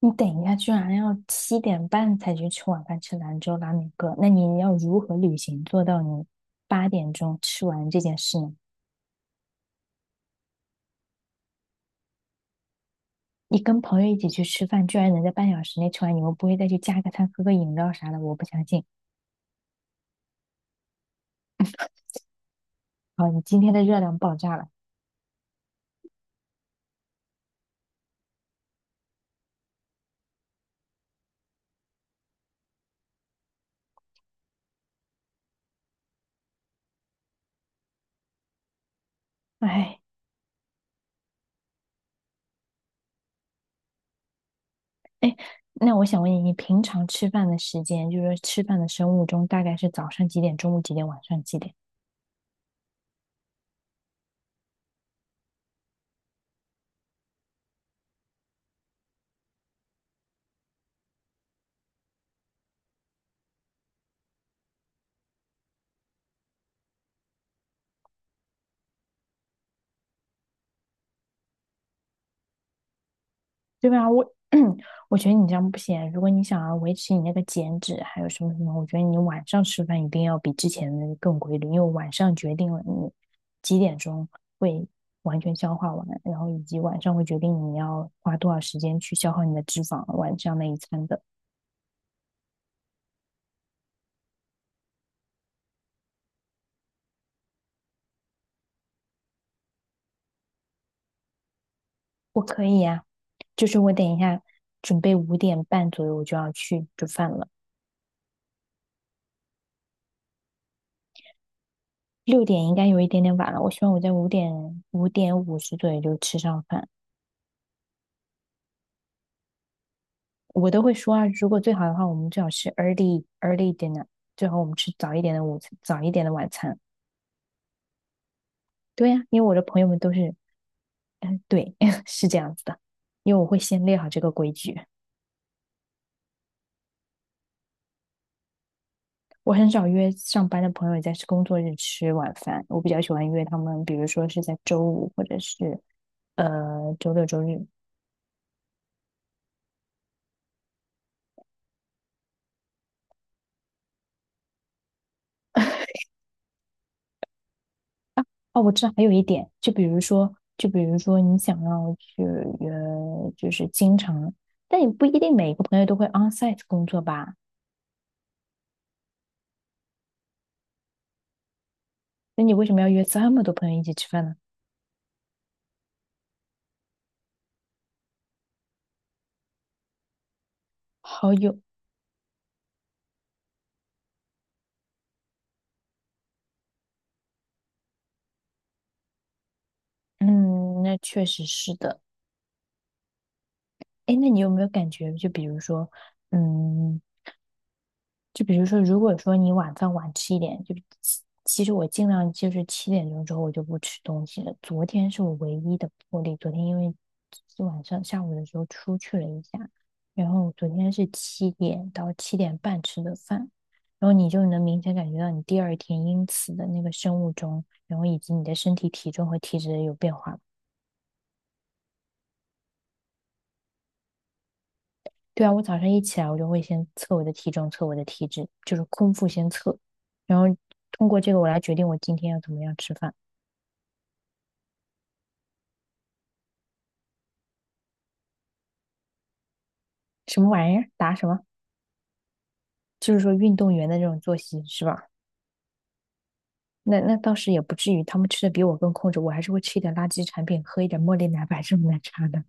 你等一下，居然要七点半才去吃晚饭，吃兰州拉面哥，那你要如何履行做到你八点钟吃完这件事呢？你跟朋友一起去吃饭，居然能在半小时内吃完，你们不会再去加个餐、喝个饮料啥的？我不相信。好，你今天的热量爆炸了。哎哎，那我想问你，你平常吃饭的时间，就是说吃饭的生物钟，大概是早上几点、中午几点、晚上几点？对吧？我 我觉得你这样不行啊。如果你想要维持你那个减脂，还有什么什么，我觉得你晚上吃饭一定要比之前的更规律，因为晚上决定了你几点钟会完全消化完，然后以及晚上会决定你要花多少时间去消耗你的脂肪，晚上那一餐的。我可以呀、就是我等一下准备五点半左右我就要去煮饭了，六点应该有一点点晚了。我希望我在五点五十左右就吃上饭。我都会说啊，如果最好的话，我们最好是 early early dinner，最好我们吃早一点的午餐，早一点的晚餐。对呀、因为我的朋友们都是，嗯，对，是这样子的，因为我会先列好这个规矩。我很少约上班的朋友在工作日吃晚饭，我比较喜欢约他们，比如说是在周五或者是周六周日。哦，我知道还有一点，就比如说，就比如说你想要去就是经常，但也不一定每个朋友都会 onsite 工作吧。那你为什么要约这么多朋友一起吃饭呢？好友，嗯，那确实是的。哎，那你有没有感觉，就比如说，嗯，就比如说，如果说你晚饭晚吃一点，就其实我尽量就是七点钟之后我就不吃东西了。昨天是我唯一的破例，昨天因为是晚上下午的时候出去了一下，然后昨天是七点到七点半吃的饭，然后你就能明显感觉到你第二天因此的那个生物钟，然后以及你的身体体重和体脂有变化。对啊，我早上一起来，我就会先测我的体重，测我的体脂，就是空腹先测，然后通过这个我来决定我今天要怎么样吃饭。什么玩意儿？答什么？就是说运动员的这种作息是吧？那倒是也不至于，他们吃的比我更控制，我还是会吃一点垃圾产品，喝一点茉莉奶白这种奶茶的。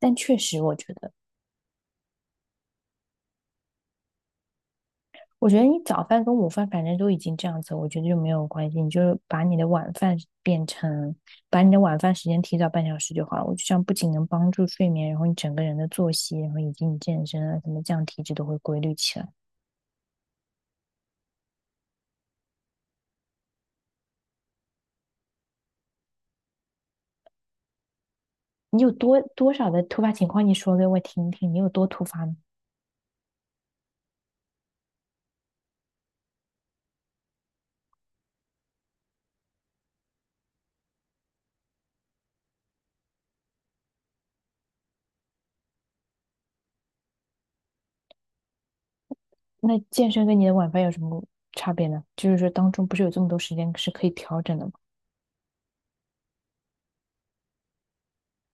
但确实，我觉得你早饭跟午饭反正都已经这样子，我觉得就没有关系。你就是把你的晚饭变成，把你的晚饭时间提早半小时就好了。我觉得这样不仅能帮助睡眠，然后你整个人的作息，然后以及你健身啊什么，这样体质都会规律起来。你有多多少的突发情况，你说给我听听，你有多突发呢？那健身跟你的晚饭有什么差别呢？就是说当中不是有这么多时间是可以调整的吗？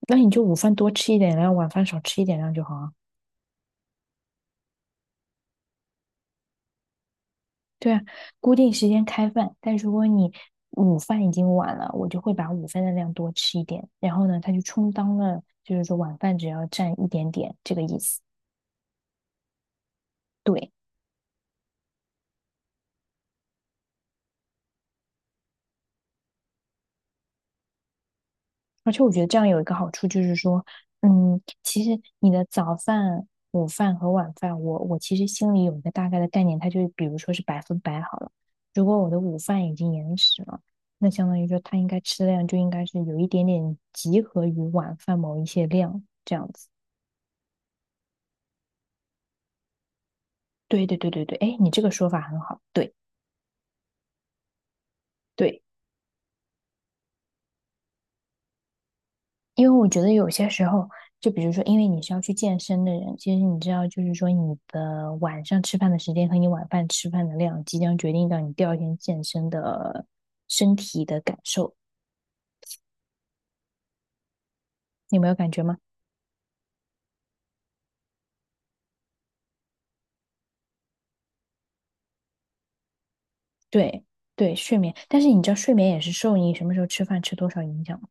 那你就午饭多吃一点，然后晚饭少吃一点，这样就好啊。对啊，固定时间开饭，但如果你午饭已经晚了，我就会把午饭的量多吃一点，然后呢，它就充当了，就是说晚饭只要占一点点这个意思。对，而且我觉得这样有一个好处就是说，嗯，其实你的早饭、午饭和晚饭，我其实心里有一个大概的概念，它就比如说是100%好了。如果我的午饭已经延迟了，那相当于说它应该吃的量就应该是有一点点集合于晚饭某一些量这样子。对对对对对，哎，你这个说法很好，对对，因为我觉得有些时候，就比如说，因为你是要去健身的人，其实你知道，就是说你的晚上吃饭的时间和你晚饭吃饭的量，即将决定到你第二天健身的身体的感受，你有没有感觉吗？对对，睡眠，但是你知道，睡眠也是受你什么时候吃饭吃多少影响吗？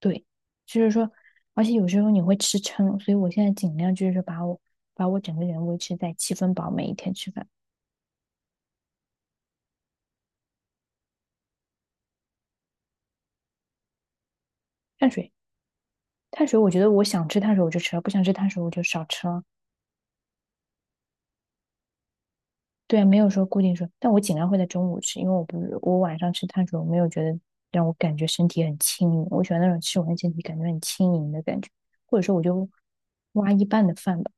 对，就是说，而且有时候你会吃撑，所以我现在尽量就是说把我整个人维持在七分饱，每一天吃饭，碳水。碳水，我觉得我想吃碳水我就吃了，不想吃碳水我就少吃了。对啊，没有说固定说，但我尽量会在中午吃，因为我不我晚上吃碳水，我没有觉得让我感觉身体很轻盈，我喜欢那种吃完身体感觉很轻盈的感觉，或者说我就挖一半的饭吧。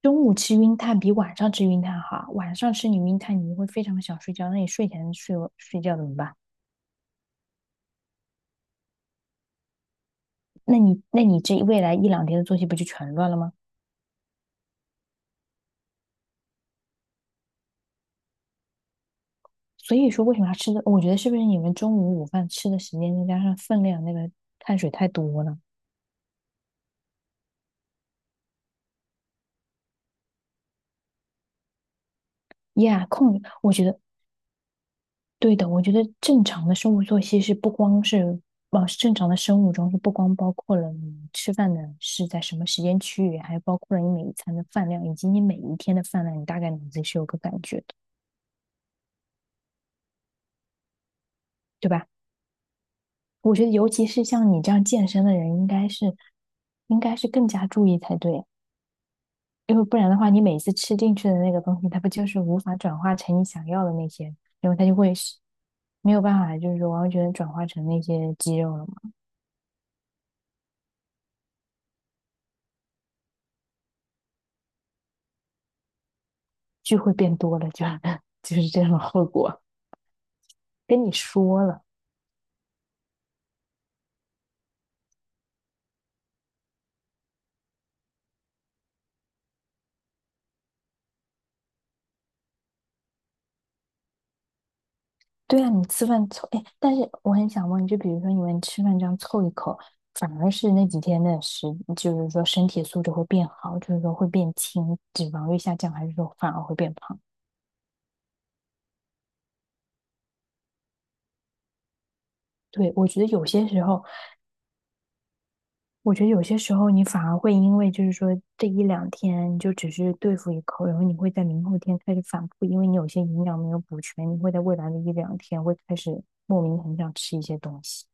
中午吃晕碳比晚上吃晕碳好啊。晚上吃你晕碳你会非常想睡觉，那你睡前睡觉怎么办？那你这未来一两天的作息不就全乱了吗？所以说为什么要吃的？我觉得是不是你们中午午饭吃的时间再加上分量，那个碳水太多了呀。控制我觉得对的。我觉得正常的生物作息是不光是，正常的生物钟是不光包括了你吃饭的是在什么时间区域，还包括了你每一餐的饭量，以及你每一天的饭量，你大概脑子己是有个感觉的，对吧？我觉得尤其是像你这样健身的人，应该是更加注意才对。因为不然的话，你每次吃进去的那个东西，它不就是无法转化成你想要的那些，因为它就会是没有办法，就是说完全转化成那些肌肉了嘛，就会变多了就 就是这种后果。跟你说了，对啊，你吃饭凑，哎，但是我很想问，就比如说你们吃饭这样凑一口，反而是那几天的食，就是说身体素质会变好，就是说会变轻，脂肪率下降，还是说反而会变胖？对，我觉得有些时候。我觉得有些时候你反而会因为就是说这一两天你就只是对付一口，然后你会在明后天开始反复，因为你有些营养没有补全，你会在未来的一两天会开始莫名很想吃一些东西。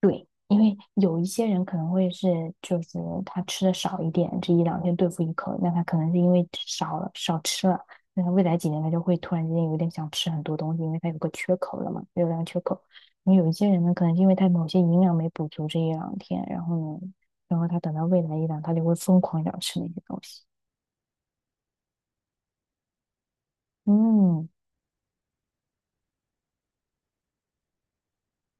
对，因为有一些人可能会是，就是他吃的少一点，这一两天对付一口，那他可能是因为少吃了，那他未来几年他就会突然之间有点想吃很多东西，因为他有个缺口了嘛，热量缺口。然后有一些人呢，可能是因为他某些营养没补足这一两天，然后呢，然后他等到未来一两，他就会疯狂想吃那些东西。嗯。